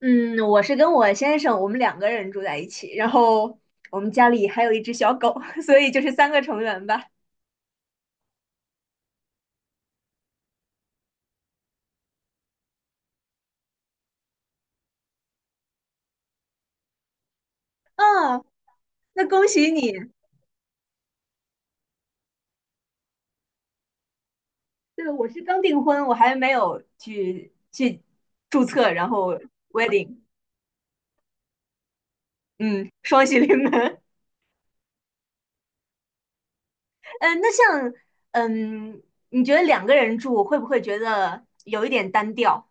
嗯，我是跟我先生，我们两个人住在一起，然后我们家里还有一只小狗，所以就是3个成员吧。嗯，那恭喜你。对，我是刚订婚，我还没有去注册，然后 wedding，嗯，双喜临门。嗯，那像，嗯，你觉得两个人住会不会觉得有一点单调？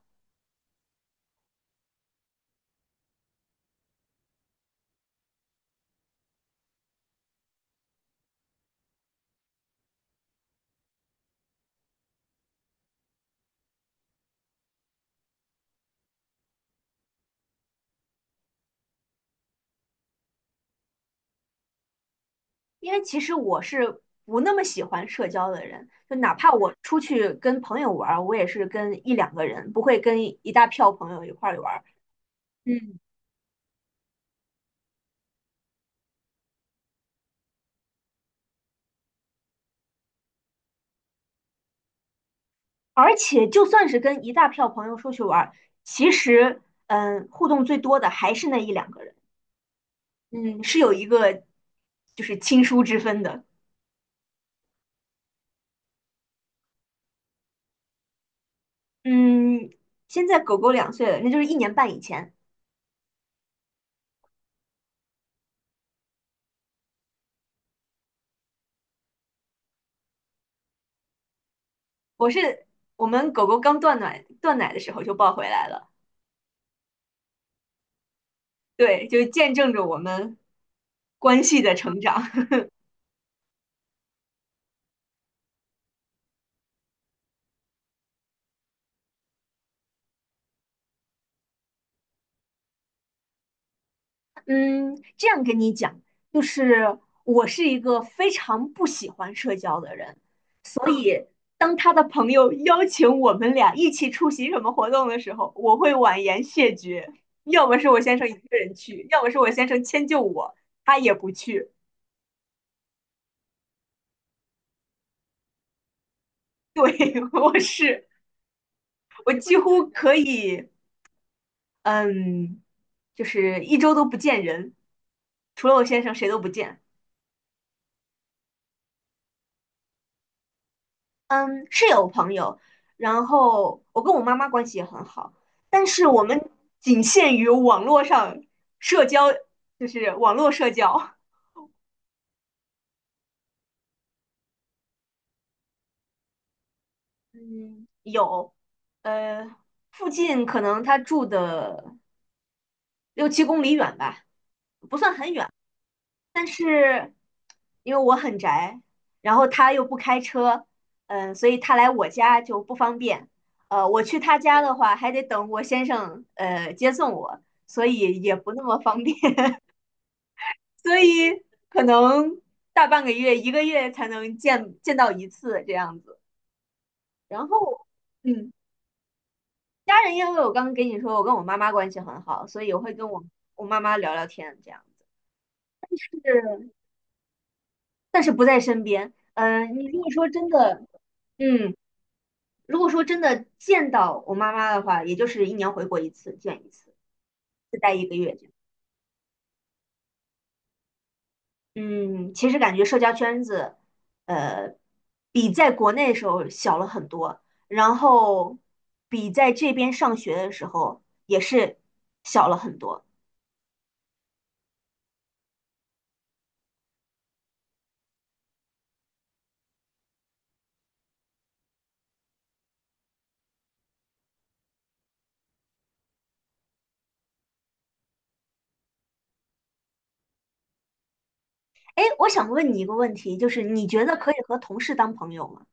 因为其实我是不那么喜欢社交的人，就哪怕我出去跟朋友玩我也是跟一两个人，不会跟一大票朋友一块儿玩。嗯，而且就算是跟一大票朋友出去玩，其实,互动最多的还是那一两个人，嗯，是有一个就是亲疏之分的。嗯，现在狗狗2岁了，那就是1年半以前。我是我们狗狗刚断奶的时候就抱回来了。对，就见证着我们关系的成长。嗯，这样跟你讲，就是我是一个非常不喜欢社交的人。当他的朋友邀请我们俩一起出席什么活动的时候，我会婉言谢绝。要么是我先生一个人去，要么是我先生迁就我，他也不去。对，我是，我几乎可以，嗯，就是1周都不见人，除了我先生谁都不见。嗯，是有朋友，然后我跟我妈妈关系也很好，但是我们仅限于网络上社交，就是网络社交。嗯，有，呃，附近可能他住的六七公里远吧，不算很远，但是因为我很宅，然后他又不开车，所以他来我家就不方便。我去他家的话，还得等我先生接送我，所以也不那么方便，所以可能大半个月、一个月才能见到一次这样子。然后，嗯，家人因为我刚刚跟你说，我跟我妈妈关系很好，所以我会跟我妈妈聊聊天这样子，是，但是不在身边。嗯，你如果说真的，嗯。如果说真的见到我妈妈的话，也就是一年回国一次，见一次，就待一个月这样。嗯，其实感觉社交圈子，呃，比在国内的时候小了很多，然后比在这边上学的时候也是小了很多。哎，我想问你一个问题，就是你觉得可以和同事当朋友吗？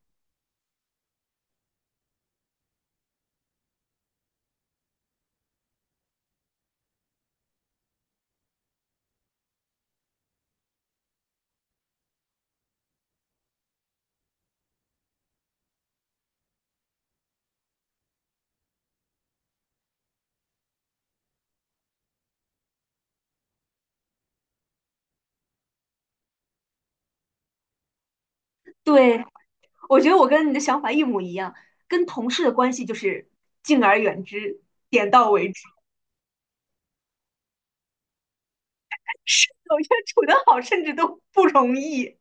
对，我觉得我跟你的想法一模一样，跟同事的关系就是敬而远之，点到为止。是有些处得好甚至都不容易。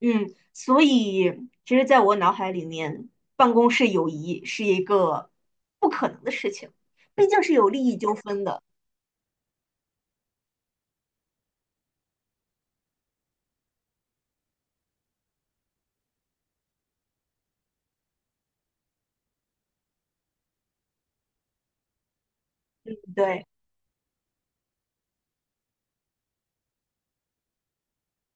嗯，所以其实在我脑海里面，办公室友谊是一个不可能的事情，毕竟是有利益纠纷的。对，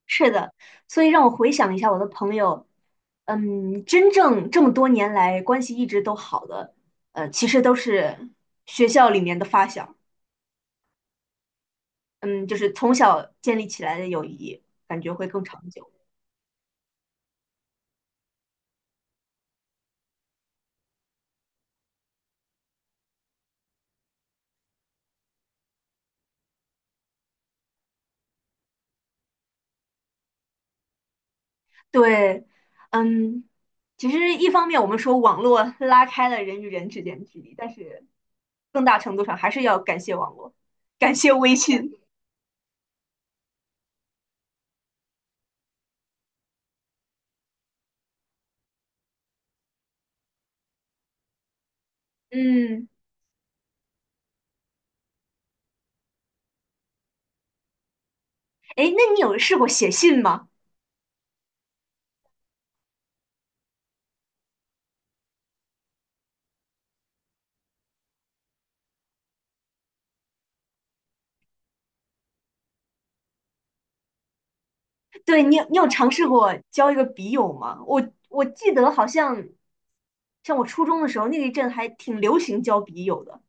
是的，所以让我回想一下我的朋友，真正这么多年来关系一直都好的，其实都是学校里面的发小，嗯，就是从小建立起来的友谊，感觉会更长久。对，嗯，其实一方面我们说网络拉开了人与人之间的距离，但是更大程度上还是要感谢网络，感谢微信。嗯，哎，那你有试过写信吗？对，你有尝试过交一个笔友吗？我记得好像像我初中的时候那一阵还挺流行交笔友的。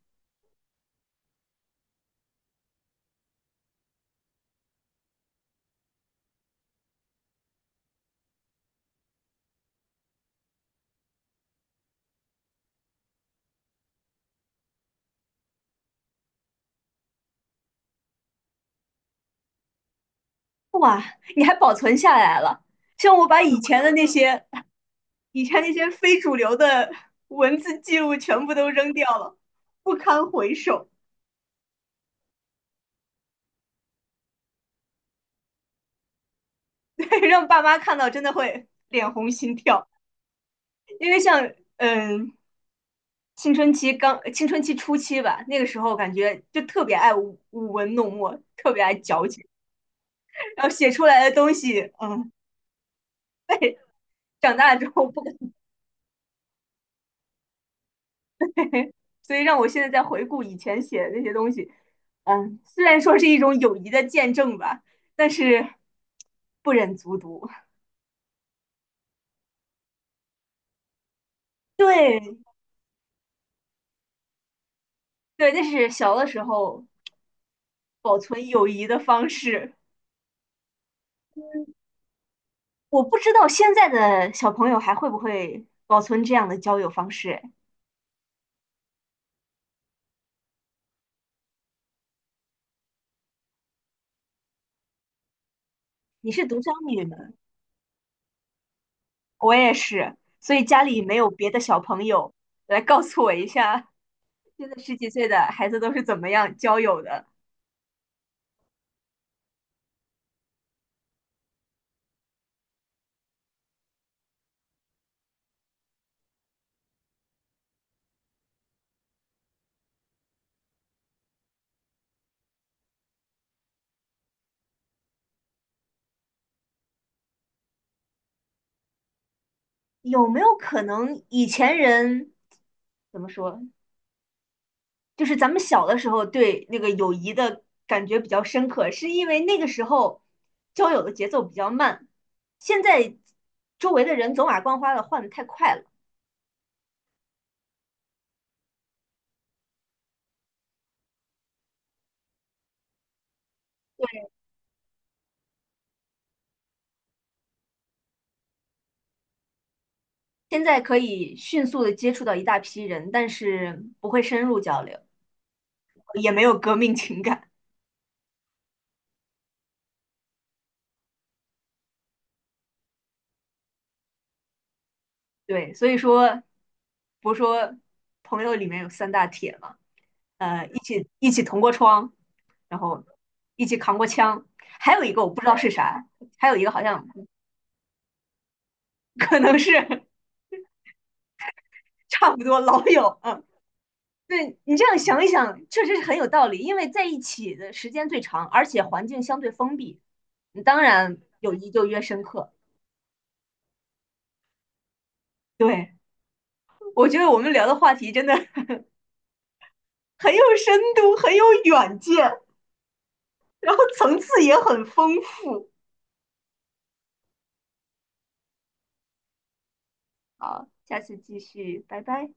你还保存下来了。像我把以前那些非主流的文字记录全部都扔掉了，不堪回首。让爸妈看到真的会脸红心跳，因为像青春期初期吧，那个时候感觉就特别爱舞文弄墨，特别爱矫情，然后写出来的东西，长大了之后不敢，所以让我现在在回顾以前写的那些东西，虽然说是一种友谊的见证吧，但是不忍卒读。对对，那是小的时候保存友谊的方式。我不知道现在的小朋友还会不会保存这样的交友方式。哎你是独生女吗？我也是，所以家里没有别的小朋友来告诉我一下，现在十几岁的孩子都是怎么样交友的？有没有可能以前人怎么说？就是咱们小的时候对那个友谊的感觉比较深刻，是因为那个时候交友的节奏比较慢，现在周围的人走马观花的换的太快了。现在可以迅速的接触到一大批人，但是不会深入交流，也没有革命情感。对，所以说，不是说朋友里面有三大铁嘛，一起同过窗，然后一起扛过枪，还有一个我不知道是啥，还有一个好像可能是 差不多老友，对你这样想一想，确实是很有道理，因为在一起的时间最长，而且环境相对封闭，你当然友谊就越深刻。对，我觉得我们聊的话题真的 很有深度，很有远见，然后层次也很丰富。好，下次继续，拜拜。